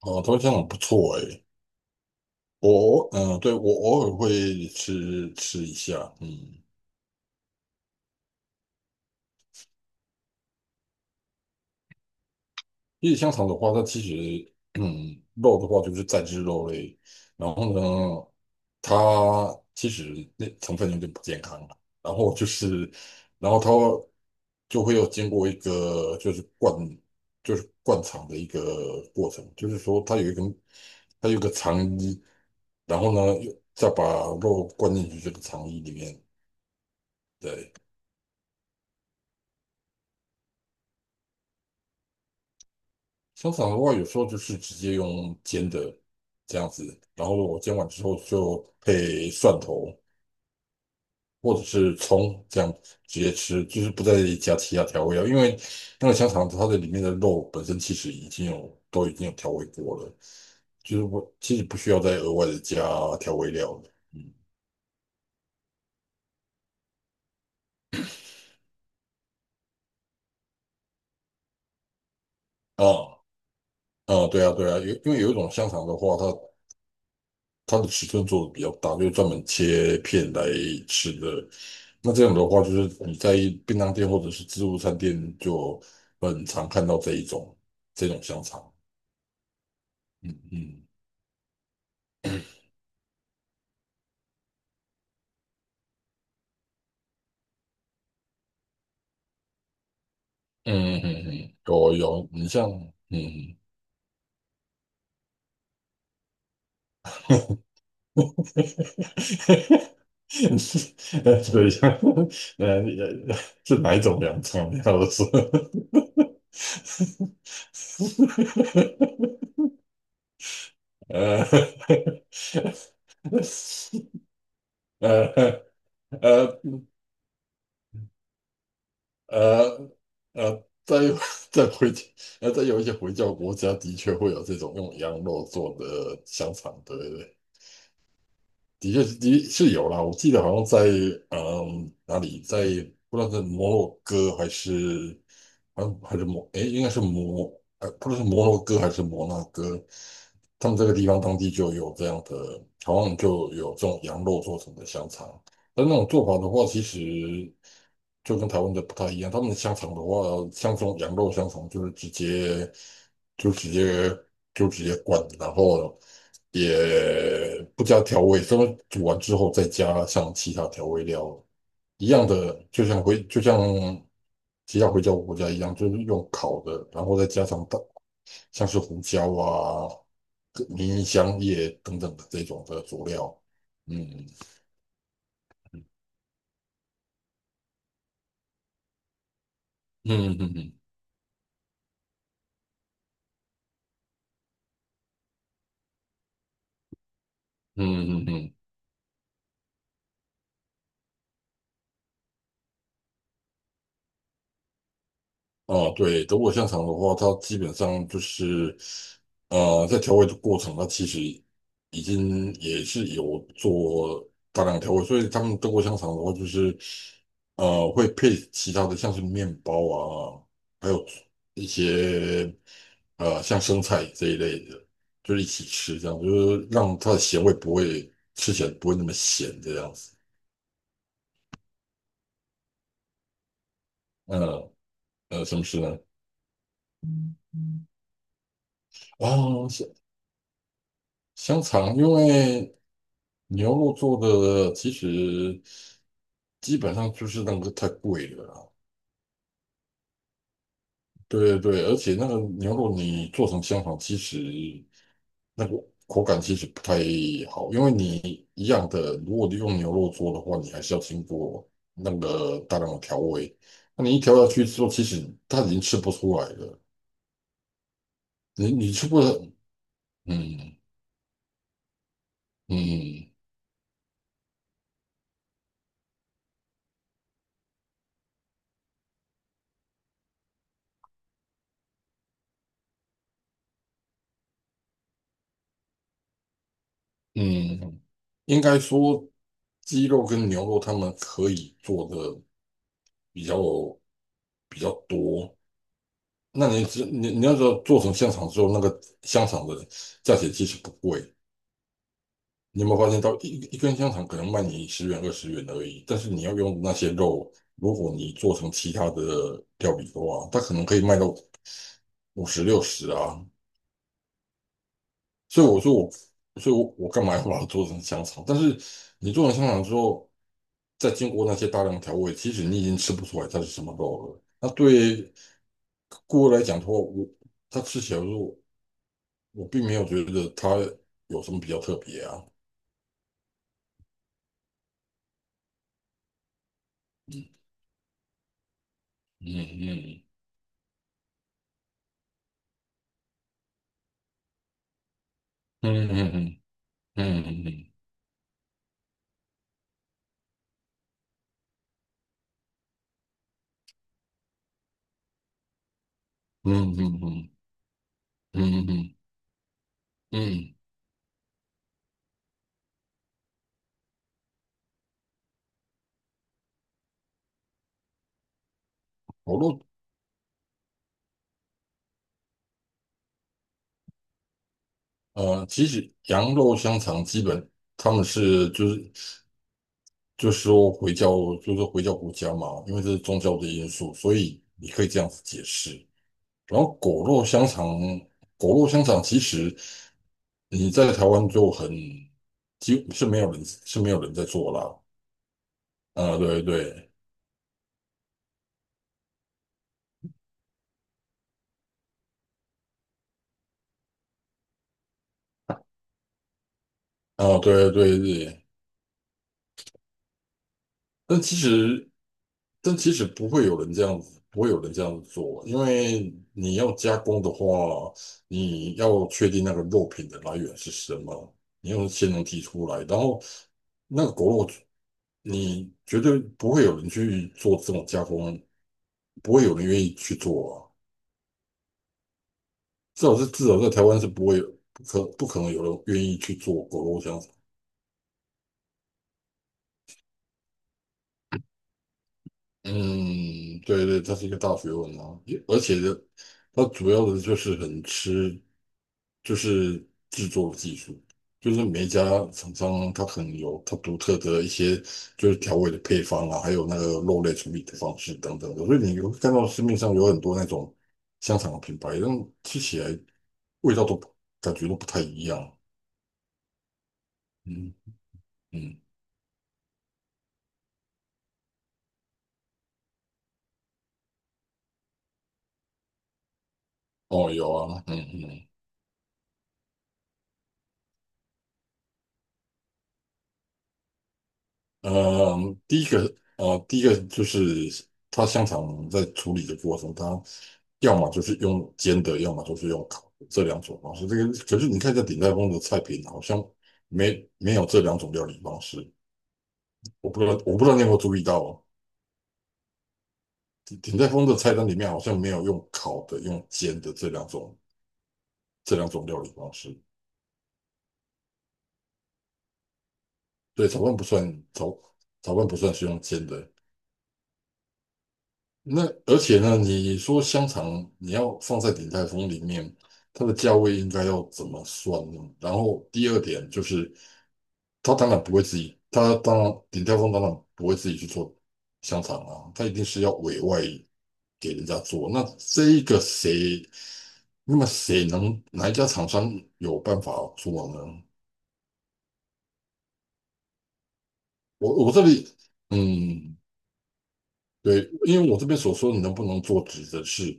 哦，头香很不错诶，对，我偶尔会吃一下，因为香肠的话，它其实肉的话就是再制肉类，然后呢，它其实那成分有点不健康，然后就是，然后它就会有经过一个就是灌肠的一个过程，就是说它有一个肠衣，然后呢又再把肉灌进去这个肠衣里面，对。香肠的话，有时候就是直接用煎的这样子，然后我煎完之后就配蒜头或者是葱这样直接吃，就是不再加其他调味料，因为那个香肠它的里面的肉本身其实已经有调味过了，就是我其实不需要再额外的加调味料了。嗯。啊，啊，对啊，对啊，因为有一种香肠的话，它的尺寸做的比较大，就是专门切片来吃的。那这样的话，就是你在便当店或者是自助餐店就很常看到这种香肠。嗯，嗯，嗯，嗯，嗯。嗯，有，有，你像嗯，对，像呃呃是哪一种凉肠？你要说。呃。呃呃呃呃，在 在回在有一些回教国家的确会有这种用羊肉做的香肠，对，对，对，的确是的是有啦。我记得好像在哪里，不知道是摩洛哥还是好像还是摩诶，应该是摩呃不知道是摩洛哥还是摩纳哥，他们这个地方当地就有这样的，好像就有这种羊肉做成的香肠。但那种做法的话，其实就跟台湾的不太一样。他们的香肠的话，像这种羊肉香肠，就是就直接直接灌，然后也不加调味，他们煮完之后再加上其他调味料，一样的，就像其他回教国家一样，就是用烤的，然后再加上像是胡椒啊、迷香叶等等的这种的佐料。嗯，嗯，嗯，嗯，嗯，嗯，嗯。嗯。哦，对，德国香肠的话，它基本上就是，在调味的过程，它其实已经也是有做大量调味，所以他们德国香肠的话，就是，会配其他的像是面包啊，还有一些像生菜这一类的，就是一起吃，这样就是让它的咸味不会吃起来不会那么咸这样子。嗯。什么事呢？啊，香香肠，因为牛肉做的其实基本上就是那个太贵了啦。对，对，对，而且那个牛肉你做成香肠，其实那个口感其实不太好，因为你一样的，如果你用牛肉做的话，你还是要经过那个大量的调味。那你一调下去之后，其实它已经吃不出来了，你吃不。嗯，嗯，嗯。嗯，应该说鸡肉跟牛肉他们可以做的比较比较多。那你只你你要说做成香肠之后，那个香肠的价钱其实不贵。你有没有发现到一根香肠可能卖你十元20元而已，但是你要用那些肉，如果你做成其他的料理的话，它可能可以卖到五十60啊，所以我说我，所以我干嘛要把它做成香肠？但是你做成香肠之后，再经过那些大量调味，其实你已经吃不出来它是什么肉了。那对顾客来讲的话，他吃起来的时候，我并没有觉得它有什么比较特别啊。嗯，嗯，嗯，嗯，嗯，嗯，嗯，嗯，嗯，嗯，嗯，嗯。嗯。我肉其实羊肉香肠基本他们就是。就说回教，就是回教国家嘛，因为这是宗教的因素，所以你可以这样子解释。然后果肉香肠其实你在台湾就几乎是没有人在做啦。啊、对，对，啊、对，对，对，但其实，但其实不会有人这样子做，因为你要加工的话，你要确定那个肉品的来源是什么，你要先能提出来，然后那个狗肉，你绝对不会有人去做这种加工，不会有人愿意去做啊，至少在台湾是不会有，不可能有人愿意去做狗肉香肠。嗯，对，对，它是一个大学问啊，也而且的，它主要的就是很吃，就是制作技术，就是每一家厂商它可能有它独特的一些就是调味的配方啊，还有那个肉类处理的方式等等的，所以你会看到市面上有很多那种香肠的品牌，但吃起来味道都不感觉都不太一样。嗯，嗯。哦，有啊。嗯，嗯。呃，第一个，第一个就是它香肠在处理的过程，它要么就是用煎的，要么就是用烤的这两种方式。这个可是你看一下鼎泰丰的菜品，好像没有这两种料理方式。我不知道你有没有注意到哦，鼎泰丰的菜单里面好像没有用烤的、用煎的这两种料理方式。对，炒饭不算，炒炒饭不算是用煎的。那而且呢，你说香肠你要放在鼎泰丰里面，它的价位应该要怎么算呢？然后第二点就是，他当然不会自己，他当然鼎泰丰当然不会自己去做香肠啊，他一定是要委外给人家做。那这一个谁，那么谁能哪一家厂商有办法做呢？我这里嗯。对，因为我这边所说的能不能做，指的是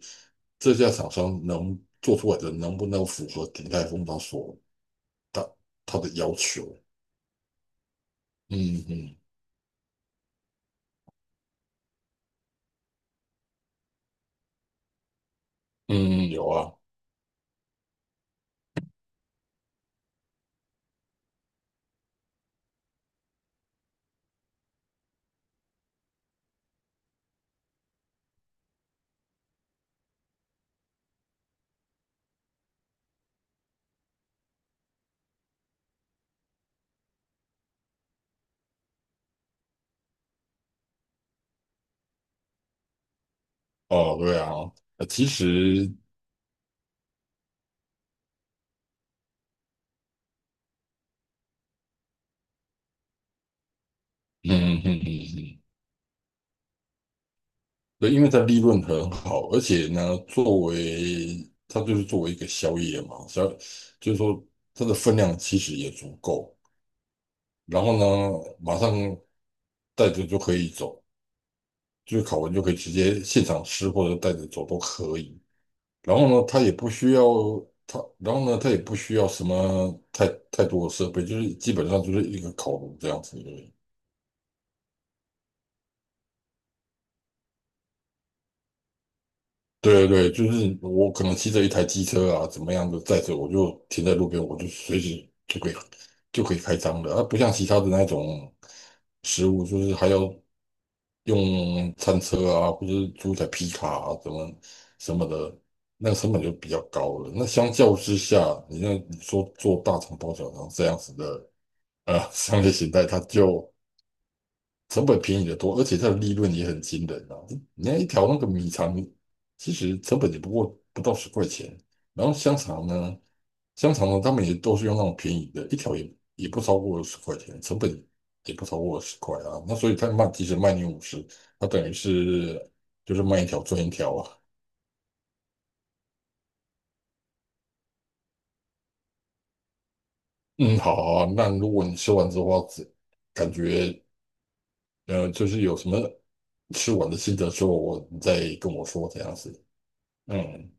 这家厂商能做出来的能不能符合鼎泰丰它所他他的要求。嗯，嗯，嗯。有啊。哦，对啊。其实，嗯，嗯，嗯，嗯，对，因为它利润很好，而且呢，作为它就是作为一个宵夜嘛，就是说它的分量其实也足够，然后呢，马上带着就可以走。就是烤完就可以直接现场吃或者带着走都可以。然后呢，它也不需要什么太多的设备，就是基本上就是一个烤炉这样子而已。对，对，对，就是我可能骑着一台机车啊，怎么样的载着，我就停在路边，我就随时就可以开张的，它不像其他的那种食物，就是还要用餐车啊，或者是租台皮卡啊，怎么什么的，那个成本就比较高了。那相较之下，你说做大肠包小肠这样子的商业形态，它就成本便宜的多，而且它的利润也很惊人啊！你看一条那个米肠，其实成本也不过不到十块钱，然后香肠呢，他们也都是用那种便宜的，一条也不超过十块钱，成本也不超过十块啊。那所以他卖，即使卖你五十，他等于就是卖一条赚一条啊。嗯，好啊，那如果你吃完之后，感觉就是有什么吃完的心得之后，你再跟我说这样子。嗯。